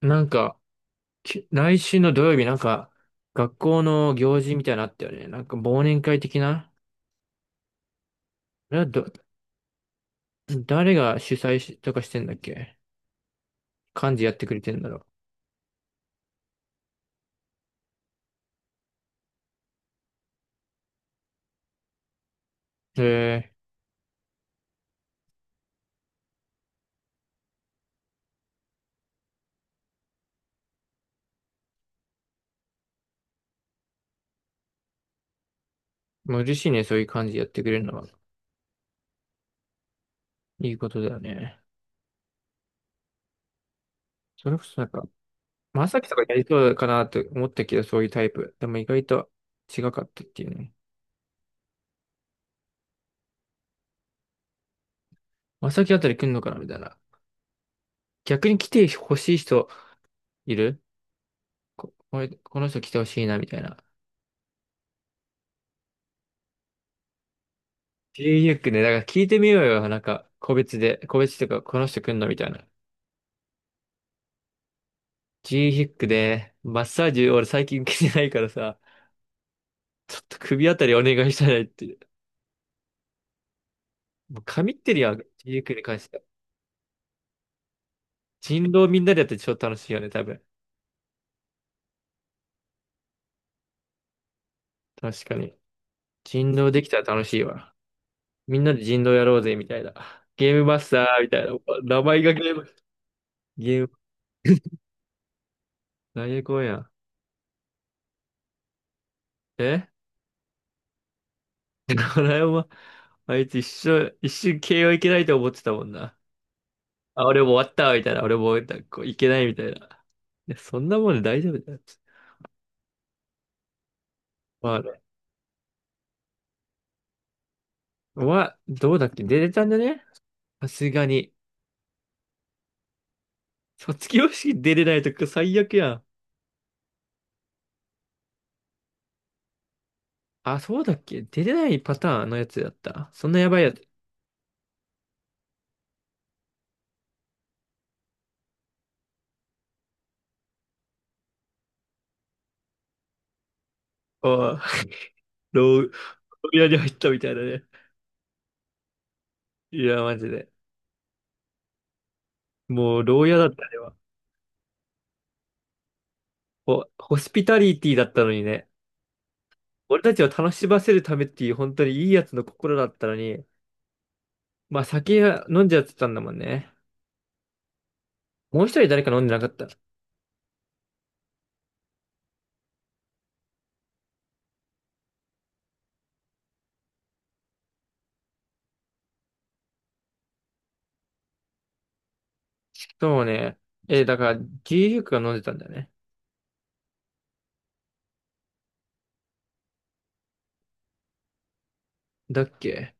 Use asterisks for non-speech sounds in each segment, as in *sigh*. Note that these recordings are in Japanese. なんか、来週の土曜日、なんか、学校の行事みたいなのあったよね。なんか、忘年会的な。あれはど、誰が主催しとかしてんだっけ？幹事やってくれてんだろう。もう嬉しいね、そういう幹事やってくれるのは。いいことだよね。それこそなんか、まさきとかやりそうかなと思ったけど、そういうタイプ。でも意外と違かったっていうね。まさきあたり来んのかなみたいな。逆に来てほしい人いる？これこの人来てほしいな、みたいな。g ヒックね、だから聞いてみようよ。なんか、個別で、個別とか、この人来んのみたいな。g ヒックで、マッサージ俺最近受けてないからさ、ちょっと首あたりお願いしたいって。もう神ってるやん、g ヒックに関しては。人狼みんなでやって超楽しいよね、多分。確かに。人狼できたら楽しいわ。みんなで人狼やろうぜ、みたいな。ゲームマスターみたいな。名前がゲーム、ゲーム、何やこんやん。え *laughs* ライオンは *laughs* あいつ一瞬 いけないと思ってたもんな。あ、俺も終わったわみたいな。俺もなんいけないみたいな。いや、そんなもんで大丈夫だよ。まあね。まあ、どうだっけ？出れたんだね、さすがに。卒業式出れないとか最悪やん。あ、そうだっけ？出れないパターンのやつだった。そんなやばいやつ。ああ、牢屋に入ったみたいだね。いや、マジで。もう、牢屋だったね。あれはホホスピタリティだったのにね。俺たちを楽しませるためっていう本当にいいやつの心だったのに。まあ、酒は飲んじゃってたんだもんね。もう一人誰か飲んでなかった？そうね。え、だから、牛乳が飲んでたんだよね。だっけ？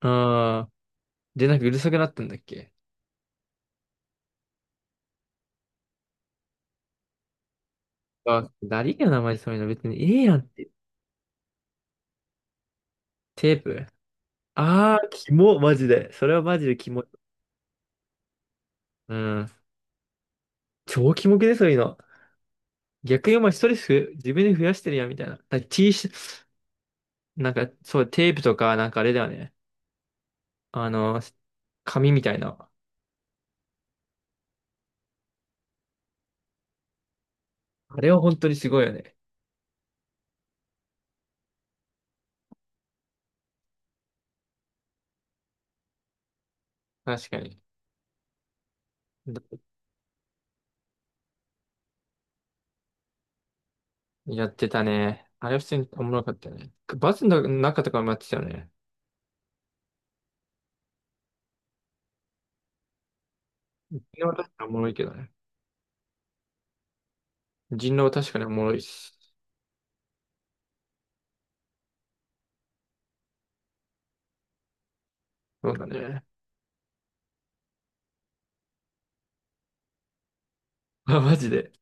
ああー。で、なんかうるさくなったんだっけ？あ、誰が名前そういうの別にええやんって。テープ。ああー、キモ、マジで。それはマジでキモい。うん。超キモくね？そういうの。逆にお前ストレスふ自分で増やしてるやん、みたいな。T シャツ、なんか、そう、テープとか、なんかあれだよね。あの、紙みたいな。あれは本当にすごいよね。確かに。やってたね。あれは普通におもろかったよね。バスの中とかもやってたよね。人狼は確かにおもろいけどね。人狼は確かにおもろいし。そうだね。*laughs* あ、マジで。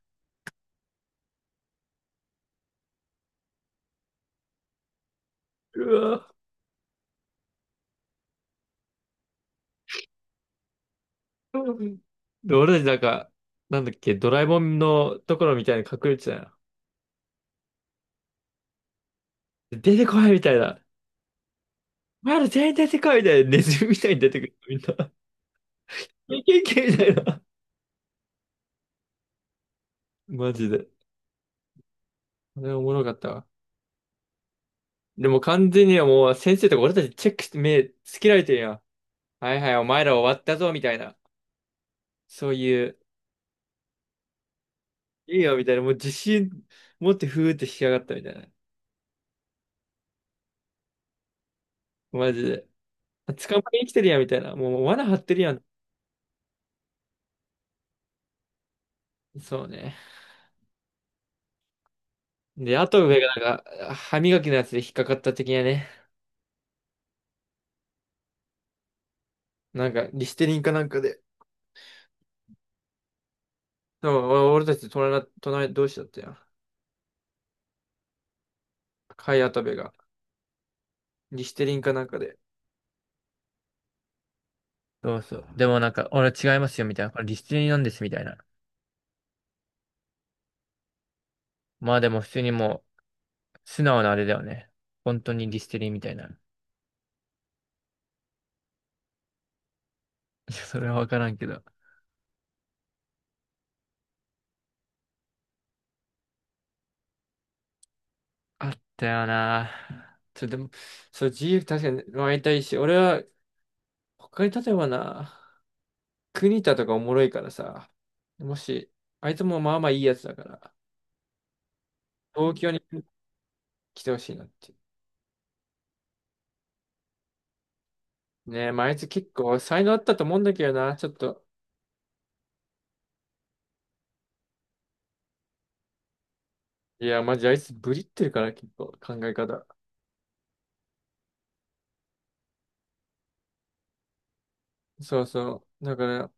うわ。で、俺たちなんか、なんだっけ、ドラえもんのところみたいに隠れてたよ。出てこいみたいな。お前ら全員出てこいみたいな。ネズミみたいに出てくる。みんな。いけいけみたいな。マジで。あれおもろかったわ。でも完全にはもう先生とか俺たちチェックして目つけられてるやん。はいはい、お前ら終わったぞみたいな。そういう、いいよみたいな、もう自信持ってふーって引き上がったみたいな。マジで。捕まえに来てるやんみたいな。もう罠張ってるやん。そうね。で、あと上がなんか、歯磨きのやつで引っかかった的なね。なんか、リステリンかなんかで。でも、俺たち隣同士だったやん。貝跡部が。リステリンかなんかで。そうそう。でもなんか、俺違いますよ、みたいな。これリステリンなんです、みたいな。まあでも普通にもう、素直なあれだよね。本当にリステリンみたいな。いや、それはわからんけど。あったよな。それでも、そう、自由確かに会いたいし、俺は、他に例えばな、国田とかおもろいからさ、もし、あいつもまあまあいいやつだから、東京に来てほしいなって。ねえ、まあ、あいつ結構才能あったと思うんだけどな、ちょっと。いや、マジあいつブリってるから、結構考え方。そうそう。だから、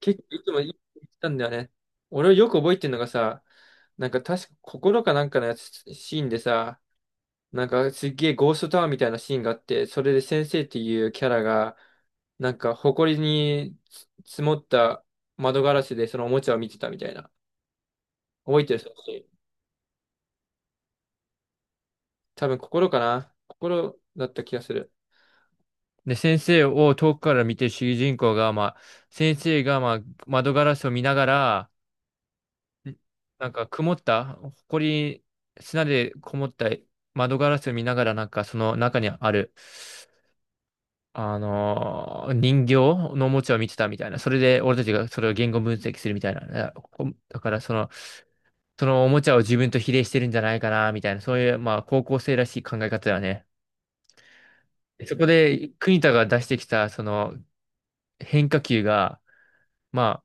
結構いつも言ったんだよね。俺をよく覚えてるのがさ、なんか確か心かなんかのやつシーンでさ、なんかすっげえゴーストタワーみたいなシーンがあって、それで先生っていうキャラが、なんか埃に積もった窓ガラスでそのおもちゃを見てたみたいな。覚えてる？多分心かな。心だった気がする。で、先生を遠くから見てる主人公が、まあ、先生が、まあ、窓ガラスを見ながら、んなんか曇った、埃、砂でこもった窓ガラスを見ながら、なんかその中にある人形のおもちゃを見てたみたいな。それで俺たちがそれを言語分析するみたいなね。だからその、おもちゃを自分と比例してるんじゃないかな、みたいな。そういう、まあ、高校生らしい考え方だよね。そこで、国田が出してきた、その変化球が、まあ、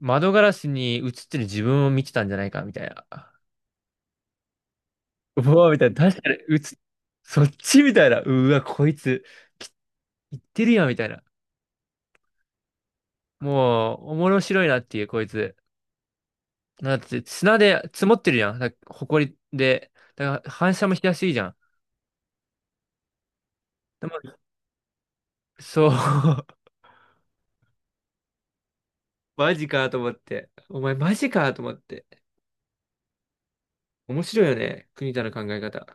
窓ガラスに映ってる自分を見てたんじゃないか、みたいな。うわ、みたいな。確かにそっちみたいな。うわ、こいつ、き言ってるやん、みたいな。もう、面白いなっていう、こいつ。だって砂で積もってるじゃん。埃で。だから反射もしやすいじゃん。でもそう。*laughs* マジかと思って。お前マジかと思って。面白いよね。国田の考え方。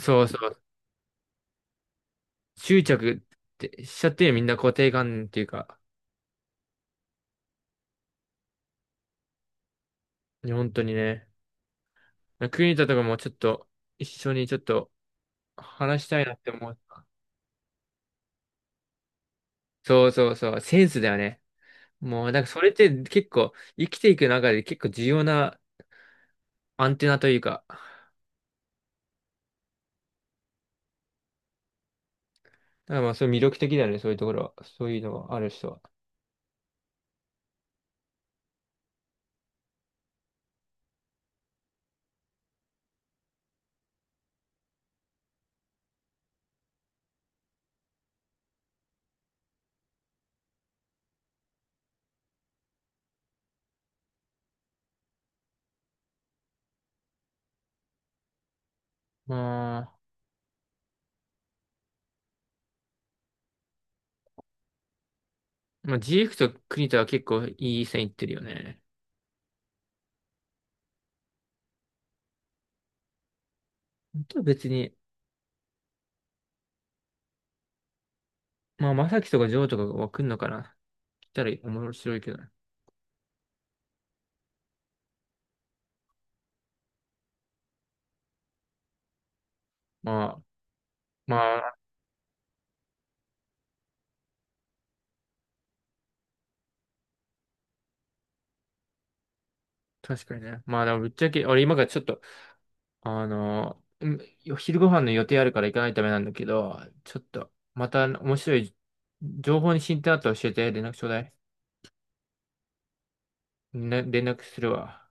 そうそう。執着ってしちゃってるよ、みんな固定観念っていうか。いや本当にね。国田とかもちょっと一緒にちょっと話したいなって思った。そうそうそう。センスだよね。もう、だからそれって結構生きていく中で結構重要なアンテナというか、だからまあ、そういう魅力的だよね、そういうところは。そういうのがある人は。まあ、ジークと栗田は結構いい線いってるよね。本当は別に、まあ、まさきとかジョーとかが来んのかな。来たら面白いけどね。まあ、まあ、確かにね。まあ、でもぶっちゃけ、俺今からちょっと、あのー、う昼ご飯の予定あるから行かないためなんだけど、ちょっと、また面白い情報に進展あったら教えて、連絡ちょうだい。ね、連絡するわ。